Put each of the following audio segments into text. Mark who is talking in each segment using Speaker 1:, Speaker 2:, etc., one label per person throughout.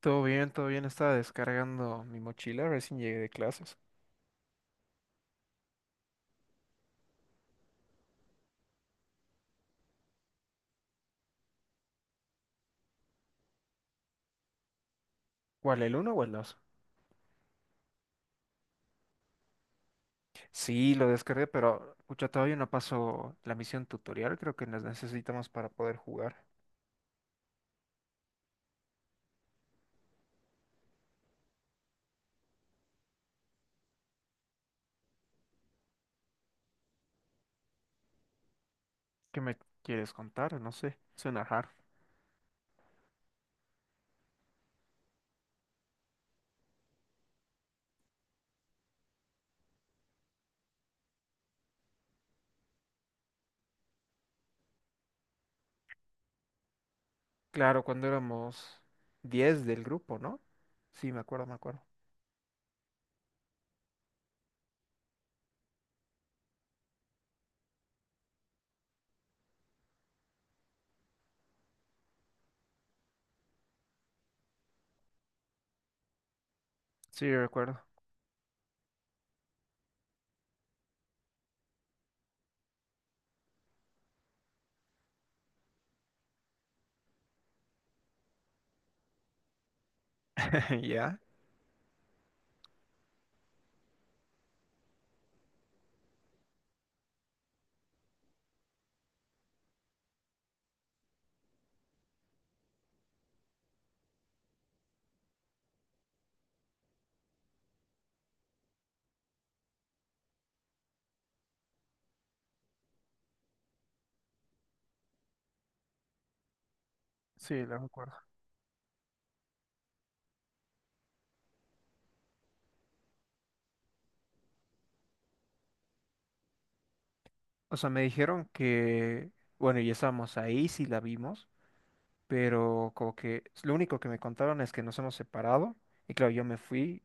Speaker 1: Todo bien, todo bien. Estaba descargando mi mochila, recién llegué de clases. ¿Cuál, el uno o el 2? Sí, lo descargué, pero pucha, todavía no paso la misión tutorial. Creo que las necesitamos para poder jugar. ¿Qué me quieres contar? No sé. Suena hard. Claro, cuando éramos 10 del grupo, ¿no? Sí, me acuerdo, me acuerdo. Sí, recuerdo. ¿Ya? Sí, la recuerdo. O sea, me dijeron que, bueno, ya estábamos ahí, sí la vimos, pero como que lo único que me contaron es que nos hemos separado y claro, yo me fui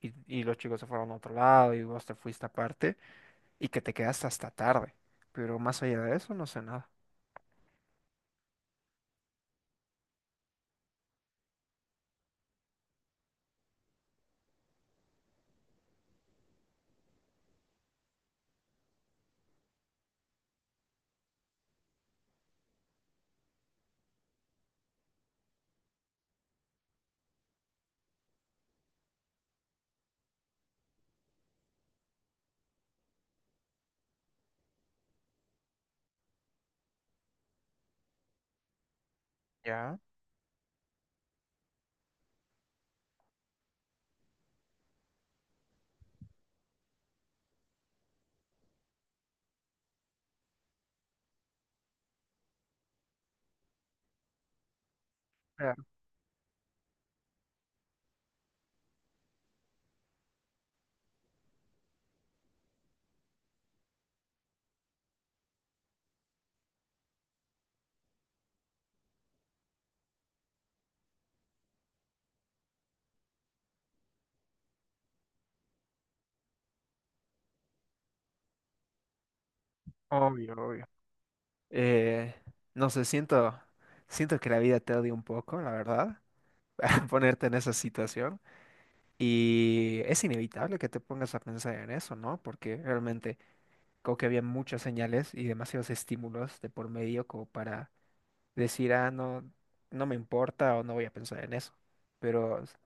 Speaker 1: y, y los chicos se fueron a otro lado y vos te fuiste aparte y que te quedaste hasta tarde, pero más allá de eso no sé nada. Ya. Claro, obvio, obvio. Eh, no sé, siento, siento que la vida te odia un poco, la verdad, para ponerte en esa situación. Y es inevitable que te pongas a pensar en eso, ¿no? Porque realmente como que había muchas señales y demasiados estímulos de por medio como para decir, ah, no, no me importa o no voy a pensar en eso. Pero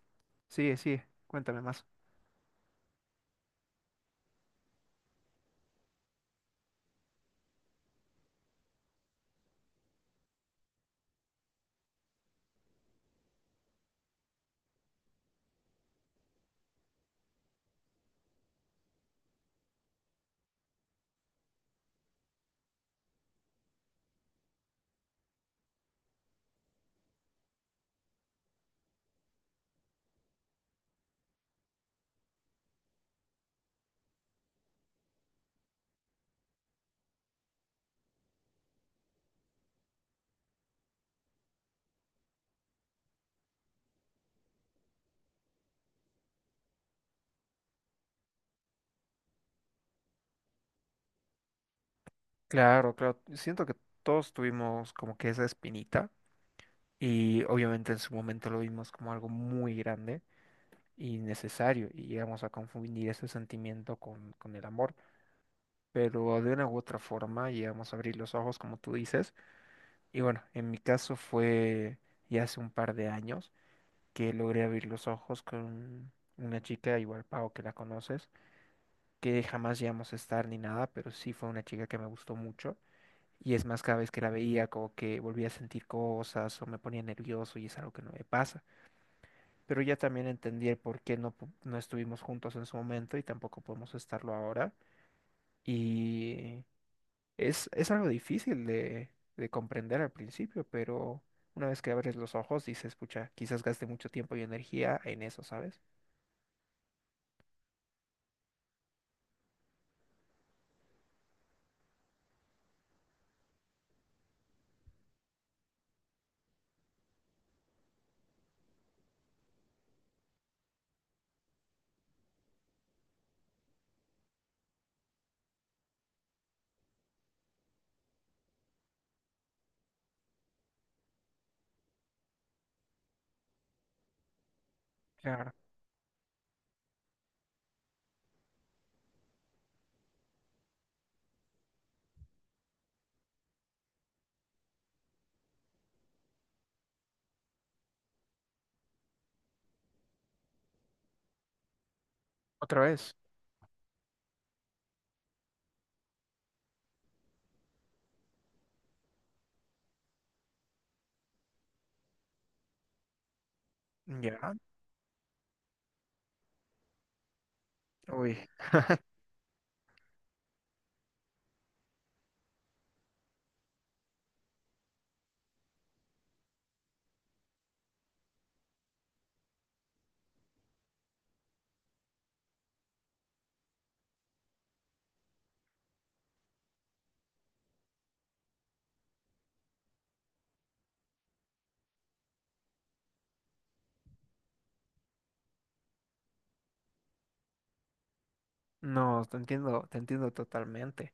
Speaker 1: sí sigue, cuéntame más. Claro, claro, siento que todos tuvimos como que esa espinita y obviamente en su momento lo vimos como algo muy grande y necesario y llegamos a confundir ese sentimiento con, el amor, pero de una u otra forma llegamos a abrir los ojos como tú dices y bueno, en mi caso fue ya hace un par de años que logré abrir los ojos con una chica igual Pau, que la conoces, que jamás llegamos a estar ni nada, pero sí fue una chica que me gustó mucho. Y es más, cada vez que la veía, como que volvía a sentir cosas o me ponía nervioso y es algo que no me pasa. Pero ya también entendí el por qué no, no estuvimos juntos en su momento y tampoco podemos estarlo ahora. Y es algo difícil de comprender al principio, pero una vez que abres los ojos dices, pucha, quizás gaste mucho tiempo y energía en eso, ¿sabes? Claro. Otra vez. Ya. Uy. No, te entiendo totalmente.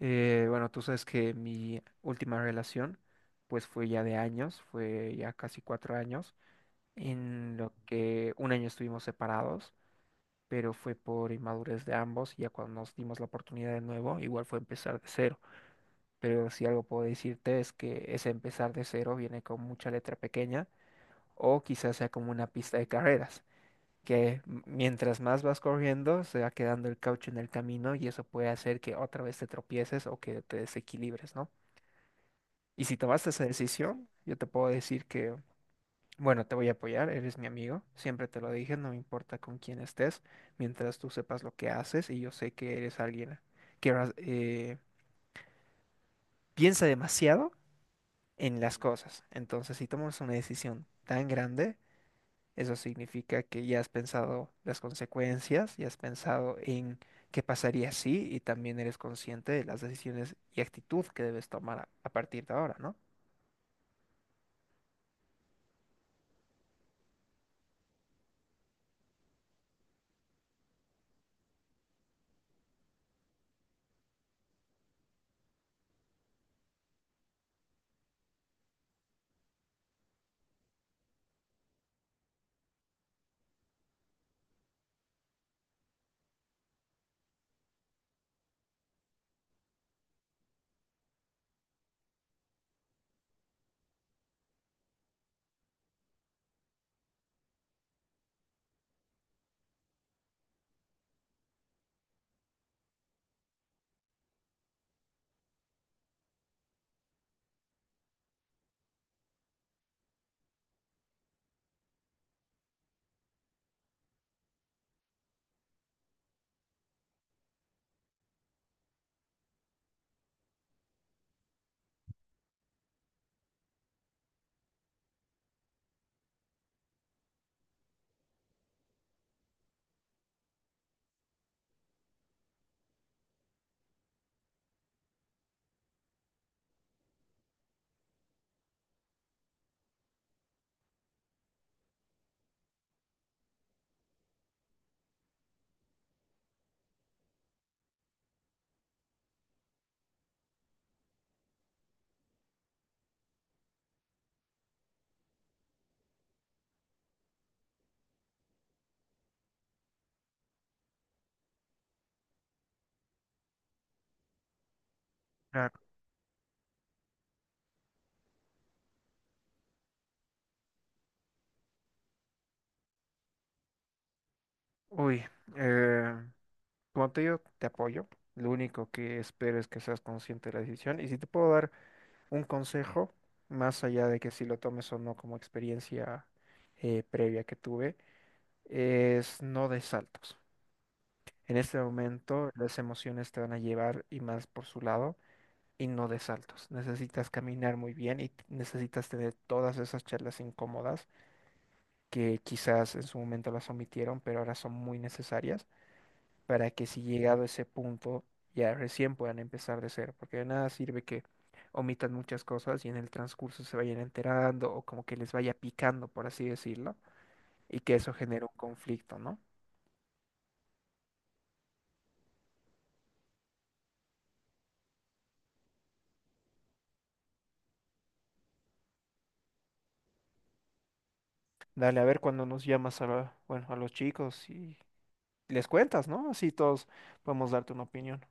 Speaker 1: Bueno, tú sabes que mi última relación, pues fue ya de años, fue ya casi 4 años, en lo que un año estuvimos separados, pero fue por inmadurez de ambos, y ya cuando nos dimos la oportunidad de nuevo, igual fue empezar de cero. Pero si algo puedo decirte es que ese empezar de cero viene con mucha letra pequeña, o quizás sea como una pista de carreras, que mientras más vas corriendo, se va quedando el caucho en el camino y eso puede hacer que otra vez te tropieces o que te desequilibres, ¿no? Y si tomaste esa decisión, yo te puedo decir que, bueno, te voy a apoyar, eres mi amigo, siempre te lo dije, no me importa con quién estés, mientras tú sepas lo que haces y yo sé que eres alguien que piensa demasiado en las cosas. Entonces, si tomas una decisión tan grande, eso significa que ya has pensado las consecuencias, ya has pensado en qué pasaría si y también eres consciente de las decisiones y actitud que debes tomar a partir de ahora, ¿no? Claro. Uy, eh, como te digo, te apoyo. Lo único que espero es que seas consciente de la decisión. Y si te puedo dar un consejo, más allá de que si lo tomes o no, como experiencia previa que tuve, es no des saltos. En este momento las emociones te van a llevar y más por su lado, y no des saltos. Necesitas caminar muy bien y necesitas tener todas esas charlas incómodas que quizás en su momento las omitieron, pero ahora son muy necesarias para que si llegado a ese punto ya recién puedan empezar de cero, porque de nada sirve que omitan muchas cosas y en el transcurso se vayan enterando o como que les vaya picando, por así decirlo, y que eso genere un conflicto, ¿no? Dale, a ver cuando nos llamas a, bueno, a los chicos y les cuentas, ¿no? Así todos podemos darte una opinión.